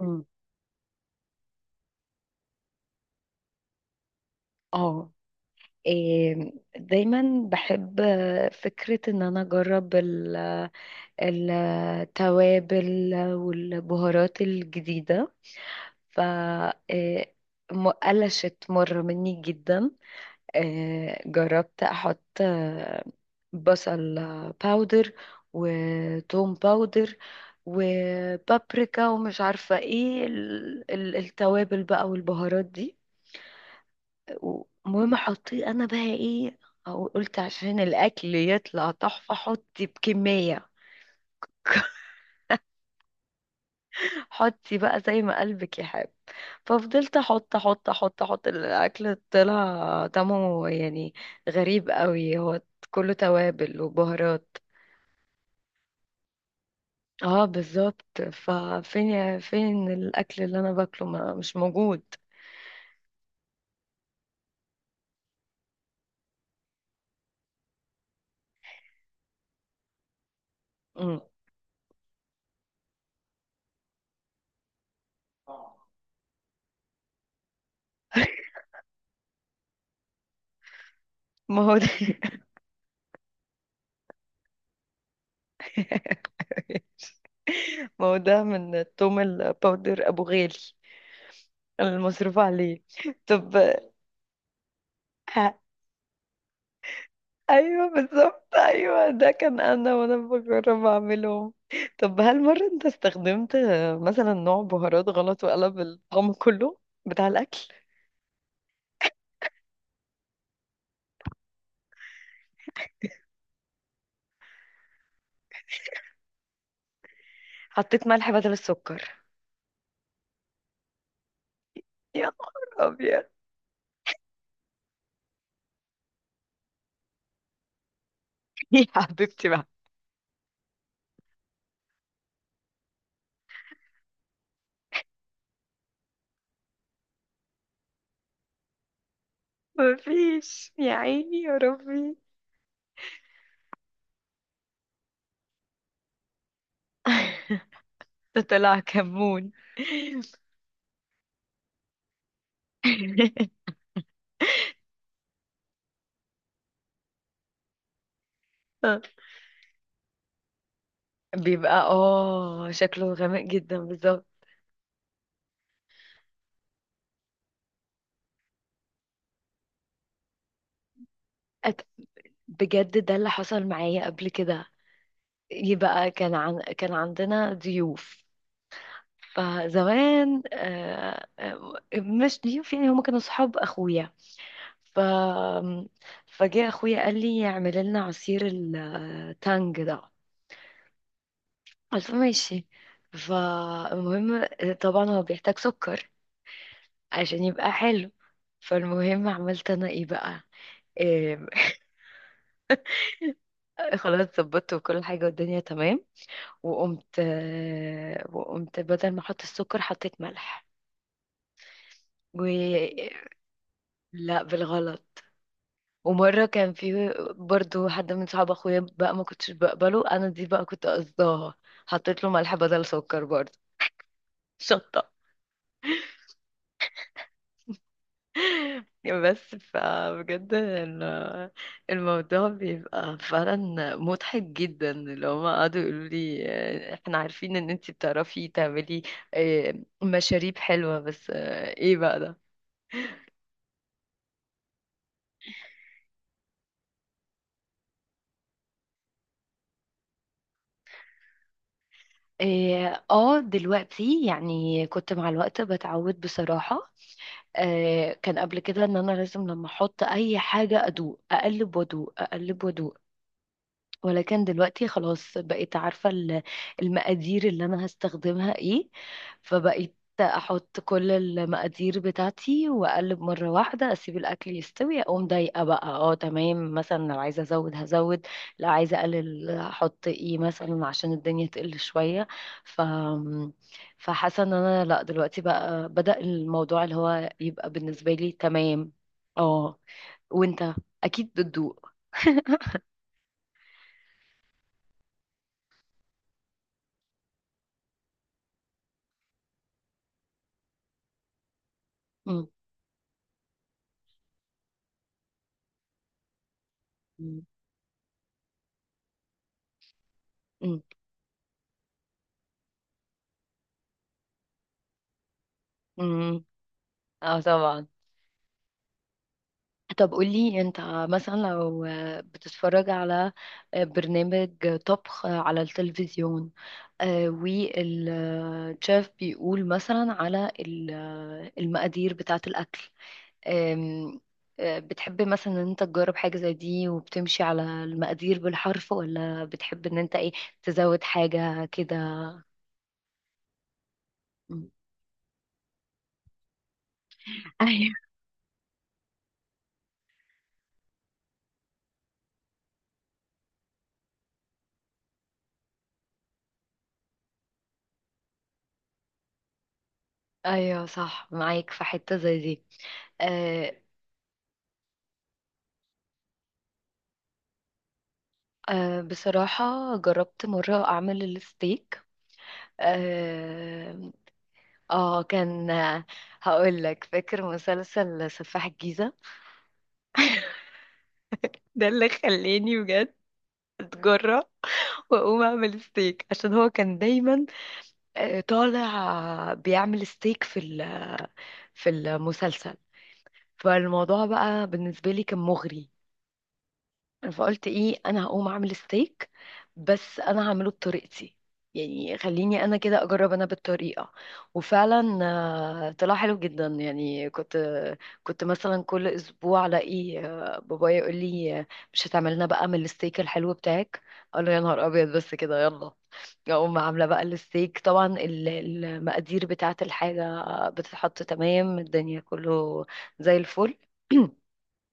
مم. اه، إيه، دايما بحب فكرة ان انا اجرب التوابل والبهارات الجديدة. ف إيه، قلشت مرة مني جدا. جربت احط بصل باودر وتوم باودر وبابريكا ومش عارفة ايه التوابل بقى والبهارات دي. المهم حطيه انا بقى ايه؟ أو قلت عشان الاكل يطلع تحفه حطي بكميه، حطي بقى زي ما قلبك يحب. ففضلت احط احط احط احط، الاكل طلع طعمه يعني غريب قوي، هو كله توابل وبهارات. اه بالظبط، ففين فين الاكل اللي انا باكله؟ ما مش موجود. مم. ما هو ده. ما هو ده من التوم الباودر ابو غالي المصروف عليه. طب، ه- ايوه بالظبط، ايوه ده كان انا وانا بجرب اعملهم. طب هل مرة انت استخدمت مثلا نوع بهارات غلط وقلب الطعم كله بتاع الاكل؟ حطيت ملح بدل السكر. يا نهار ابيض. يا حبيبتي بقى، مفيش يا عيني يا ربي. ده طلع كمون. بيبقى اه شكله غامق جدا بالظبط. أت- بجد ده اللي حصل معايا قبل كده، يبقى كان عندنا ضيوف. فزمان مش ضيوف، يعني هم كانوا صحاب اخويا. ف فجاء اخويا قال لي اعمل لنا عصير التانج ده. قلت له ماشي. فالمهم، طبعا هو بيحتاج سكر عشان يبقى حلو. فالمهم عملت انا ايه بقى؟ إيه، خلاص ظبطت وكل حاجة والدنيا تمام. وقمت بدل ما احط السكر حطيت ملح. و لا، بالغلط. ومرة كان في برضو حد من صحاب اخويا بقى ما كنتش بقبله، انا دي بقى كنت قصداها، حطيت له ملح بدل سكر برضو. شطة. بس فبجد الموضوع بيبقى فعلا مضحك جدا، اللي هما قعدوا يقولوا لي احنا عارفين ان انتي بتعرفي تعملي آه، مشاريب حلوة، بس ايه بقى ده؟ اه دلوقتي يعني كنت مع الوقت بتعود بصراحة. كان قبل كده ان انا لازم لما احط اي حاجه ادوق اقلب وادوق اقلب وادوق. ولكن دلوقتي خلاص بقيت عارفة المقادير اللي أنا هستخدمها إيه. فبقيت أحط كل المقادير بتاعتي وأقلب مرة واحدة، أسيب الأكل يستوي، أقوم ضايقة بقى أه تمام، مثلا لو عايزة أزود هزود، لو عايزة أقلل أحط إيه مثلا عشان الدنيا تقل شوية. ف فحاسة إن أنا لأ، دلوقتي بقى بدأ الموضوع اللي هو يبقى بالنسبة لي تمام. أه. وأنت أكيد بتدوق. مم. مم. مم. اه طبعا. طب قولي انت، مثلا لو بتتفرج على برنامج طبخ على التلفزيون، والشيف بيقول مثلا على المقادير بتاعة الأكل، آم، آه، بتحب مثلا ان انت تجرب حاجة زي دي وبتمشي على المقادير بالحرف، ولا بتحب ان انت ايه تزود حاجة كده؟ مم. ايوه. ايوه صح، معاك في حته زي دي. آه، أه بصراحة جربت مرة أعمل الستيك. اه. كان، هقول لك، فاكر مسلسل سفاح الجيزة؟ ده اللي خلاني بجد اتجرأ واقوم اعمل ستيك، عشان هو كان دايما طالع بيعمل ستيك في المسلسل. فالموضوع بقى بالنسبة لي كان مغري. فقلت ايه، انا هقوم اعمل ستيك، بس انا هعمله بطريقتي، يعني خليني انا كده اجرب انا بالطريقه. وفعلا طلع حلو جدا، يعني كنت مثلا كل اسبوع الاقي بابايا يقول لي مش هتعمل لنا بقى من الستيك الحلو بتاعك؟ اقول له يا نهار ابيض، بس كده، يلا. اقوم عامله بقى الستيك، طبعا المقادير بتاعه الحاجه بتتحط تمام، الدنيا كله زي الفل.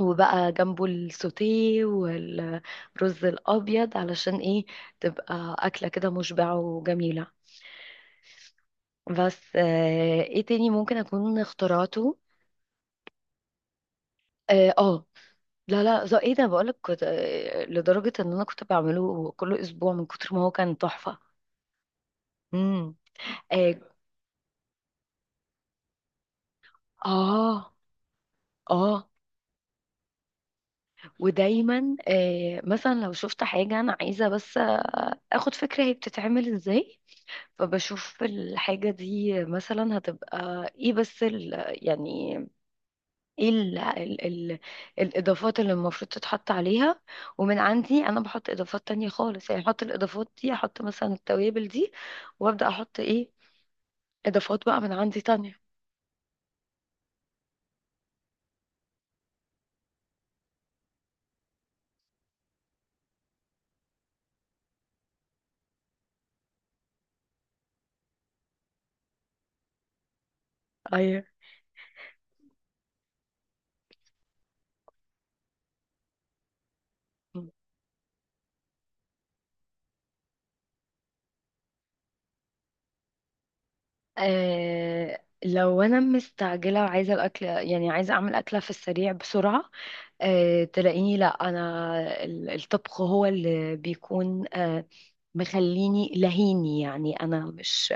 وبقى جنبه السوتيه والرز الابيض، علشان ايه؟ تبقى اكله كده مشبعه وجميله. بس ايه تاني ممكن اكون اخترعته. اه لا لا زي ايه، ده بقولك كنت لدرجه ان انا كنت بعمله كل اسبوع من كتر ما هو كان تحفه. امم. اه. اه. آه. ودايما مثلا لو شفت حاجه انا عايزه، بس اخد فكره هي بتتعمل ازاي، فبشوف الحاجة دي مثلا هتبقى ايه، بس يعني ايه، ال ال ال الإضافات اللي المفروض تتحط عليها، ومن عندي أنا بحط إضافات تانية خالص. يعني أحط الإضافات دي، أحط مثلا التوابل دي، وأبدأ أحط ايه، إضافات بقى من عندي تانية. أيوه. لو انا مستعجله وعايزه الاكل، يعني عايزه اعمل اكله في السريع بسرعه، تلاقيني لا، انا الطبخ هو اللي بيكون مخليني لهيني، يعني انا مش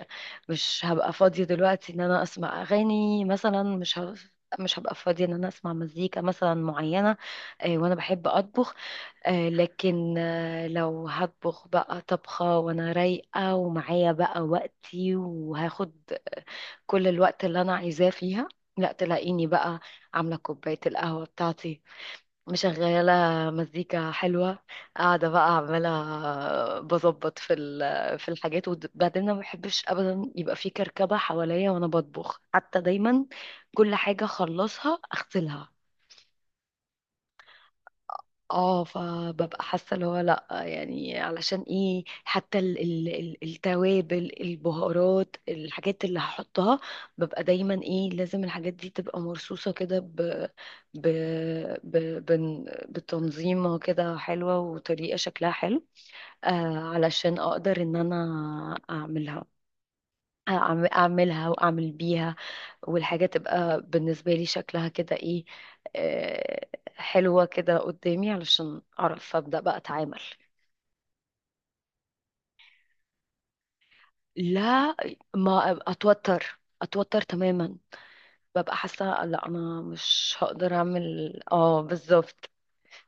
مش هبقى فاضية دلوقتي ان انا اسمع اغاني مثلا، مش هبقى فاضية ان انا اسمع مزيكا مثلا معينة. وانا بحب اطبخ. لكن لو هطبخ بقى طبخة وانا رايقة ومعايا بقى وقتي، وهاخد كل الوقت اللي انا عايزاه فيها، لا تلاقيني بقى عاملة كوباية القهوة بتاعتي، مشغلة مزيكا حلوة، قاعدة بقى عمالة بظبط في الحاجات. وبعدين أنا ما بحبش أبدا يبقى في كركبة حواليا وأنا بطبخ، حتى دايما كل حاجة أخلصها أغسلها. اه، فببقى حاسه اللي هو لا، يعني علشان ايه، حتى ال ال ال التوابل، البهارات، الحاجات اللي هحطها، ببقى دايما ايه لازم الحاجات دي تبقى مرصوصه كده ب بتنظيمه كده حلوه وطريقه شكلها حلو، علشان اقدر ان انا اعملها، اعملها واعمل بيها، والحاجة تبقى بالنسبة لي شكلها كده ايه، آه، حلوة كده قدامي، علشان اعرف ابدأ بقى اتعامل. لا، ما اتوتر اتوتر تماما. ببقى حاسة لا، انا مش هقدر اعمل، اه بالظبط.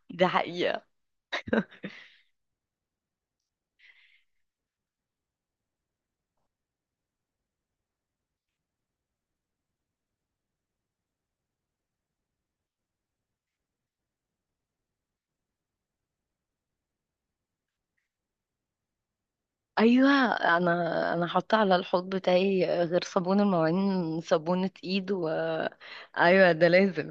دي حقيقة. ايوه، انا حاطة على الحوض بتاعي غير صابون المواعين صابونة ايد ايوه ده لازم.